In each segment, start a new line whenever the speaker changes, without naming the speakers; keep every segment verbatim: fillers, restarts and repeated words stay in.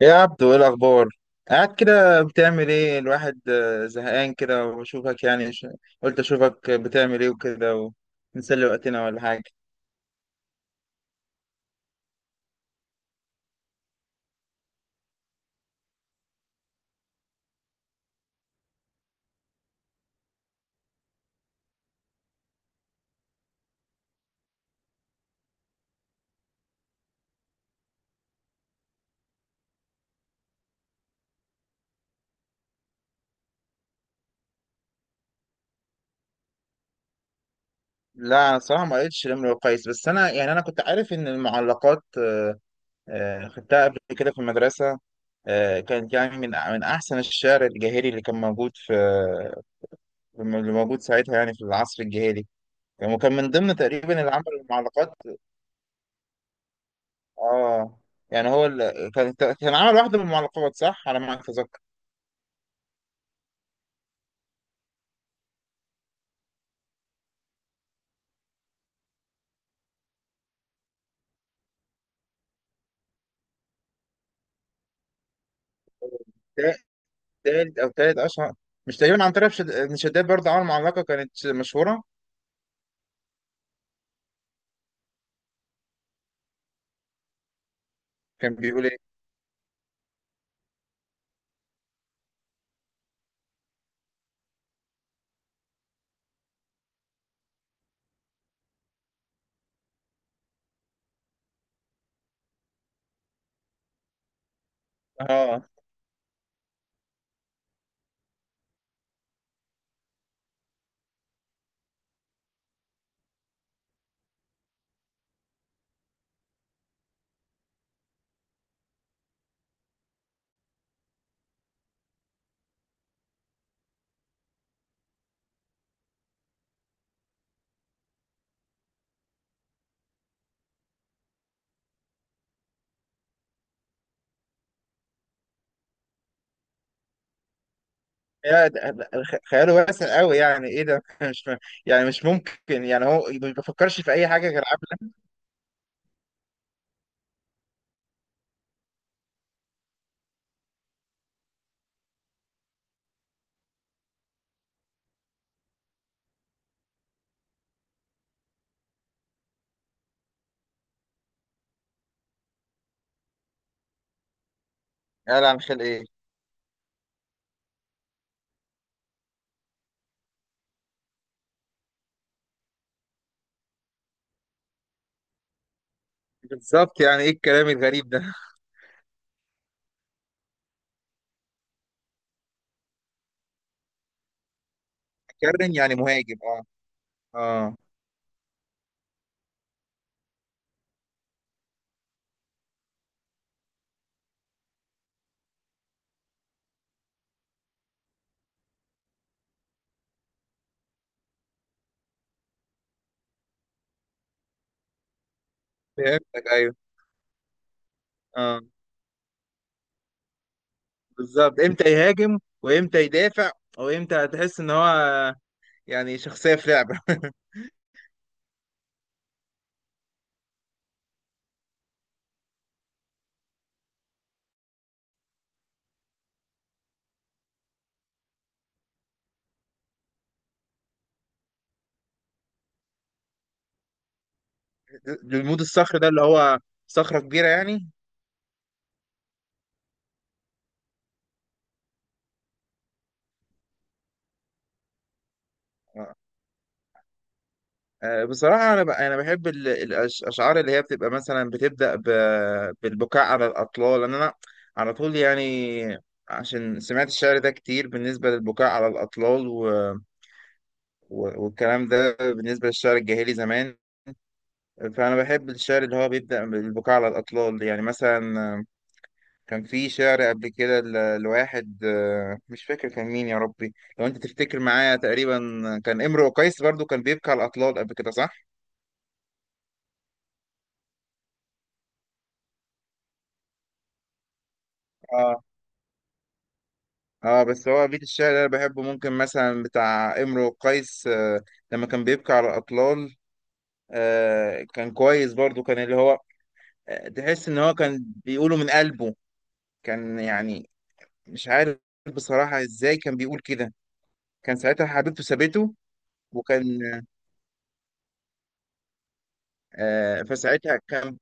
يا عبدو، ايه الاخبار؟ قاعد كده بتعمل ايه الواحد، آه، زهقان كده. وبشوفك يعني، ش... قلت اشوفك بتعمل ايه وكده، ونسلي وقتنا ولا حاجه. لا، أنا صراحه ما قريتش الامر كويس، بس انا يعني انا كنت عارف ان المعلقات، آه، آه، خدتها قبل كده في المدرسه. آه، كانت يعني من من احسن الشعر الجاهلي اللي كان موجود في اللي موجود ساعتها، يعني في العصر الجاهلي. وكان من ضمن تقريبا اللي عمل المعلقات. اه، يعني هو ال... كان كان عمل واحدة من المعلقات، صح على ما اتذكر. تا- تالت او تالت اشهر. مش تقريبا عن طريق شد... ابن شداد برضه عمل معلقة كانت مشهورة؟ كان بيقول ايه؟ اه. يا ده- ده- خ- خياله واسع قوي، يعني ايه ده. مش م- يعني مش ممكن، يعني هو ما بيفكرش في اي حاجة غير عبلة. قال عن خلق ايه؟ بالظبط، يعني ايه الكلام الغريب ده؟ كرن يعني مهاجم، اه. اه، فهمتك، ايوه. اه، بالظبط، امتى يهاجم وامتى يدافع، وامتى هتحس ان هو يعني شخصية في لعبة. المود الصخر ده اللي هو صخرة كبيرة يعني. آه، آه، بصراحة أنا ب- أنا بحب ال- الأشعار اللي هي بتبقى مثلا بتبدأ ب- بالبكاء على الأطلال، لأن أنا على طول يعني، عشان سمعت الشعر ده كتير بالنسبة للبكاء على الأطلال، و... و- والكلام ده بالنسبة للشعر الجاهلي زمان. فأنا بحب الشعر اللي هو بيبدأ بالبكاء على الأطلال، يعني مثلا كان في شعر قبل كده ل- لواحد، آه، مش فاكر كان مين يا ربي، لو انت تفتكر معايا. تقريبا كان امرؤ قيس برضو كان بيبكي على الاطلال قبل كده، صح؟ اه اه، بس هو بيت الشعر اللي انا بحبه ممكن مثلا بتاع امرؤ قيس، آه، لما كان بيبكي على الاطلال. آه، كان كويس برضو، كان اللي هو آه، تحس ان هو كان بيقوله من قلبه. كان يعني مش عارف بصراحة ازاي كان بيقول كده. كان ساعتها حبيبته سابته. وكان آه، فساعتها كان،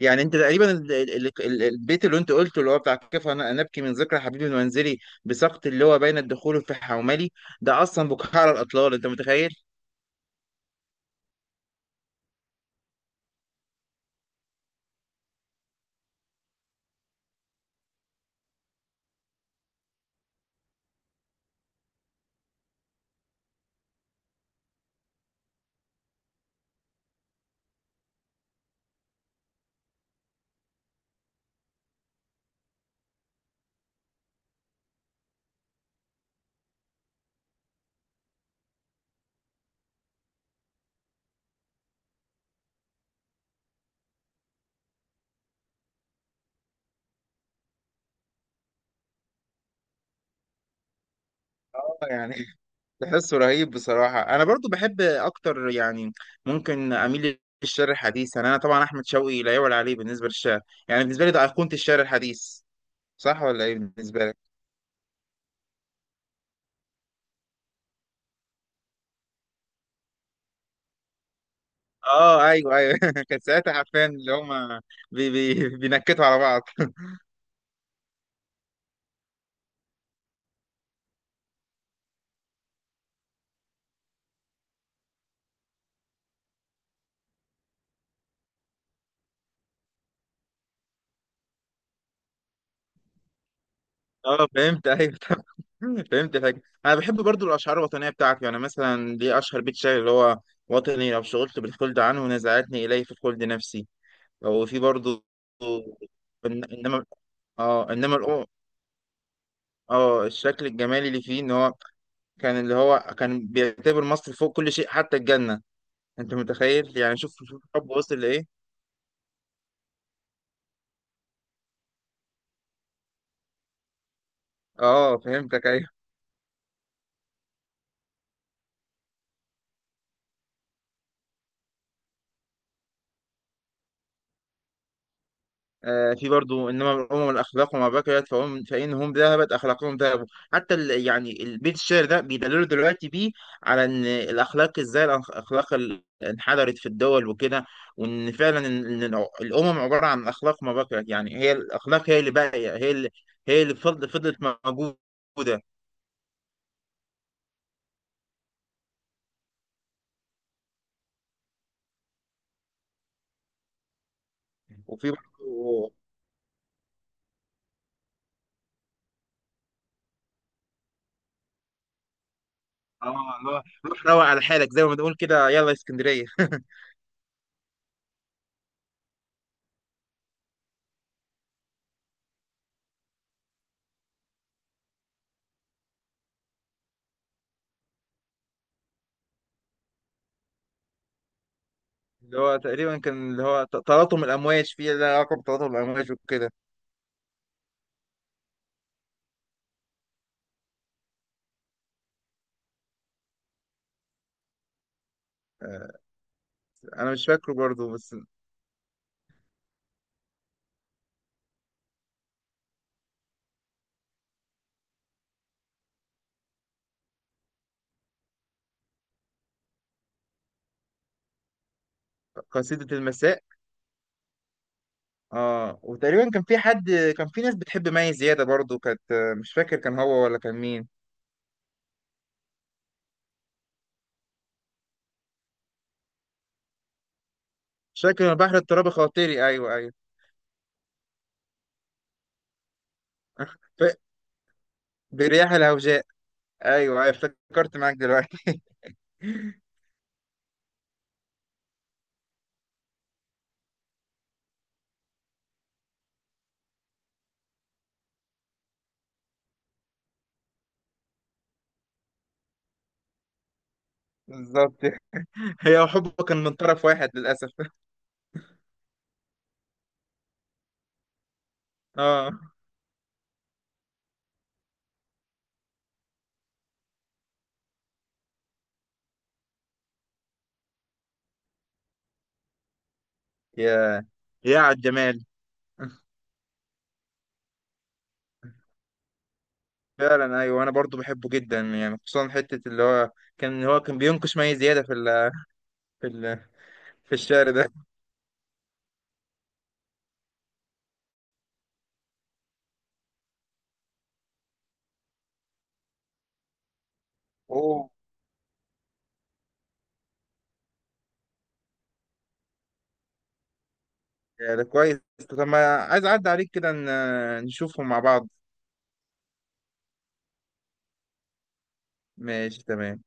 يعني انت تقريبا ال- ال- ال- البيت اللي انت قلته اللي هو بتاع كيف انا نبكي من ذكرى حبيبي المنزلي، بسقط اللي هو بين الدخول في حوملي. ده اصلا بكاء على الاطلال، انت متخيل. اه يعني تحسه رهيب بصراحه. انا برضو بحب اكتر يعني، ممكن اميل للشعر الحديث. يعني انا طبعا احمد شوقي لا يعلى عليه بالنسبه للشعر، يعني بالنسبه لي ده ايقونه الشعر الحديث. صح ولا ايه بالنسبه لك؟ اه ايوه ايوه. كان ساعتها حرفيا اللي هم بي بي بينكتوا على بعض. اه فهمت، ايوه. فهمت الحاجة. انا بحب برضو الاشعار الوطنيه بتاعته، يعني مثلا ليه اشهر بيت شعر اللي هو: وطني لو شغلت بالخلد عنه، نزعتني اليه في الخلد نفسي. او في برضو إن- انما. اه انما الأو... اه، الشكل الجمالي اللي فيه ان هو كان اللي هو كان بيعتبر مصر فوق كل شيء حتى الجنه. انت متخيل يعني، شوف شوف الحب وصل لايه. اه، فهمتك، أيوة. آه، في برضو: انما الامم الاخلاق وما بقيت فهم، فانهم ذهبت اخلاقهم ذهبوا. حتى ال يعني البيت الشعر ده بيدللوا دلوقتي بيه على ان الاخلاق، ازاي الاخلاق ال- انحدرت في الدول وكده، وان فعلا ان إن الع- الامم عباره عن اخلاق ما بقيت، يعني هي الاخلاق هي اللي باقيه، هي اللي هي اللي فضل- فضلت موجوده. وفي برضو اه، اللي هو روح روق على حالك زي ما بنقول كده، يلا يا اسكندريه. اللي هو تقريبا كان اللي هو ت- تلاطم الامواج فيه ده لقب تلاطم الامواج وكده. آه. انا مش فاكره برضه بس. قصيدة المساء. اه، وتقريبا كان في حد كان في ناس بتحب مي زيادة برضه كانت. مش فاكر كان هو ولا كان مين. مش فاكر البحر الترابي خاطري، ايوه ايوه. ف... برياح الهوجاء. ايوه أيوة، افتكرت معاك دلوقتي. بالظبط. هي وحبه كان من طرف واحد للاسف. اه، يا يا على الجمال. فعلا، ايوه انا برضو بحبه جدا يعني، خصوصا حته اللي هو كان هو كان بينقش مي زياده في ال في ال في الشعر ده. اوه، يعني كويس. طب ما عايز أعدي عليك كده ن- نشوفهم مع بعض. ماشي، تمام.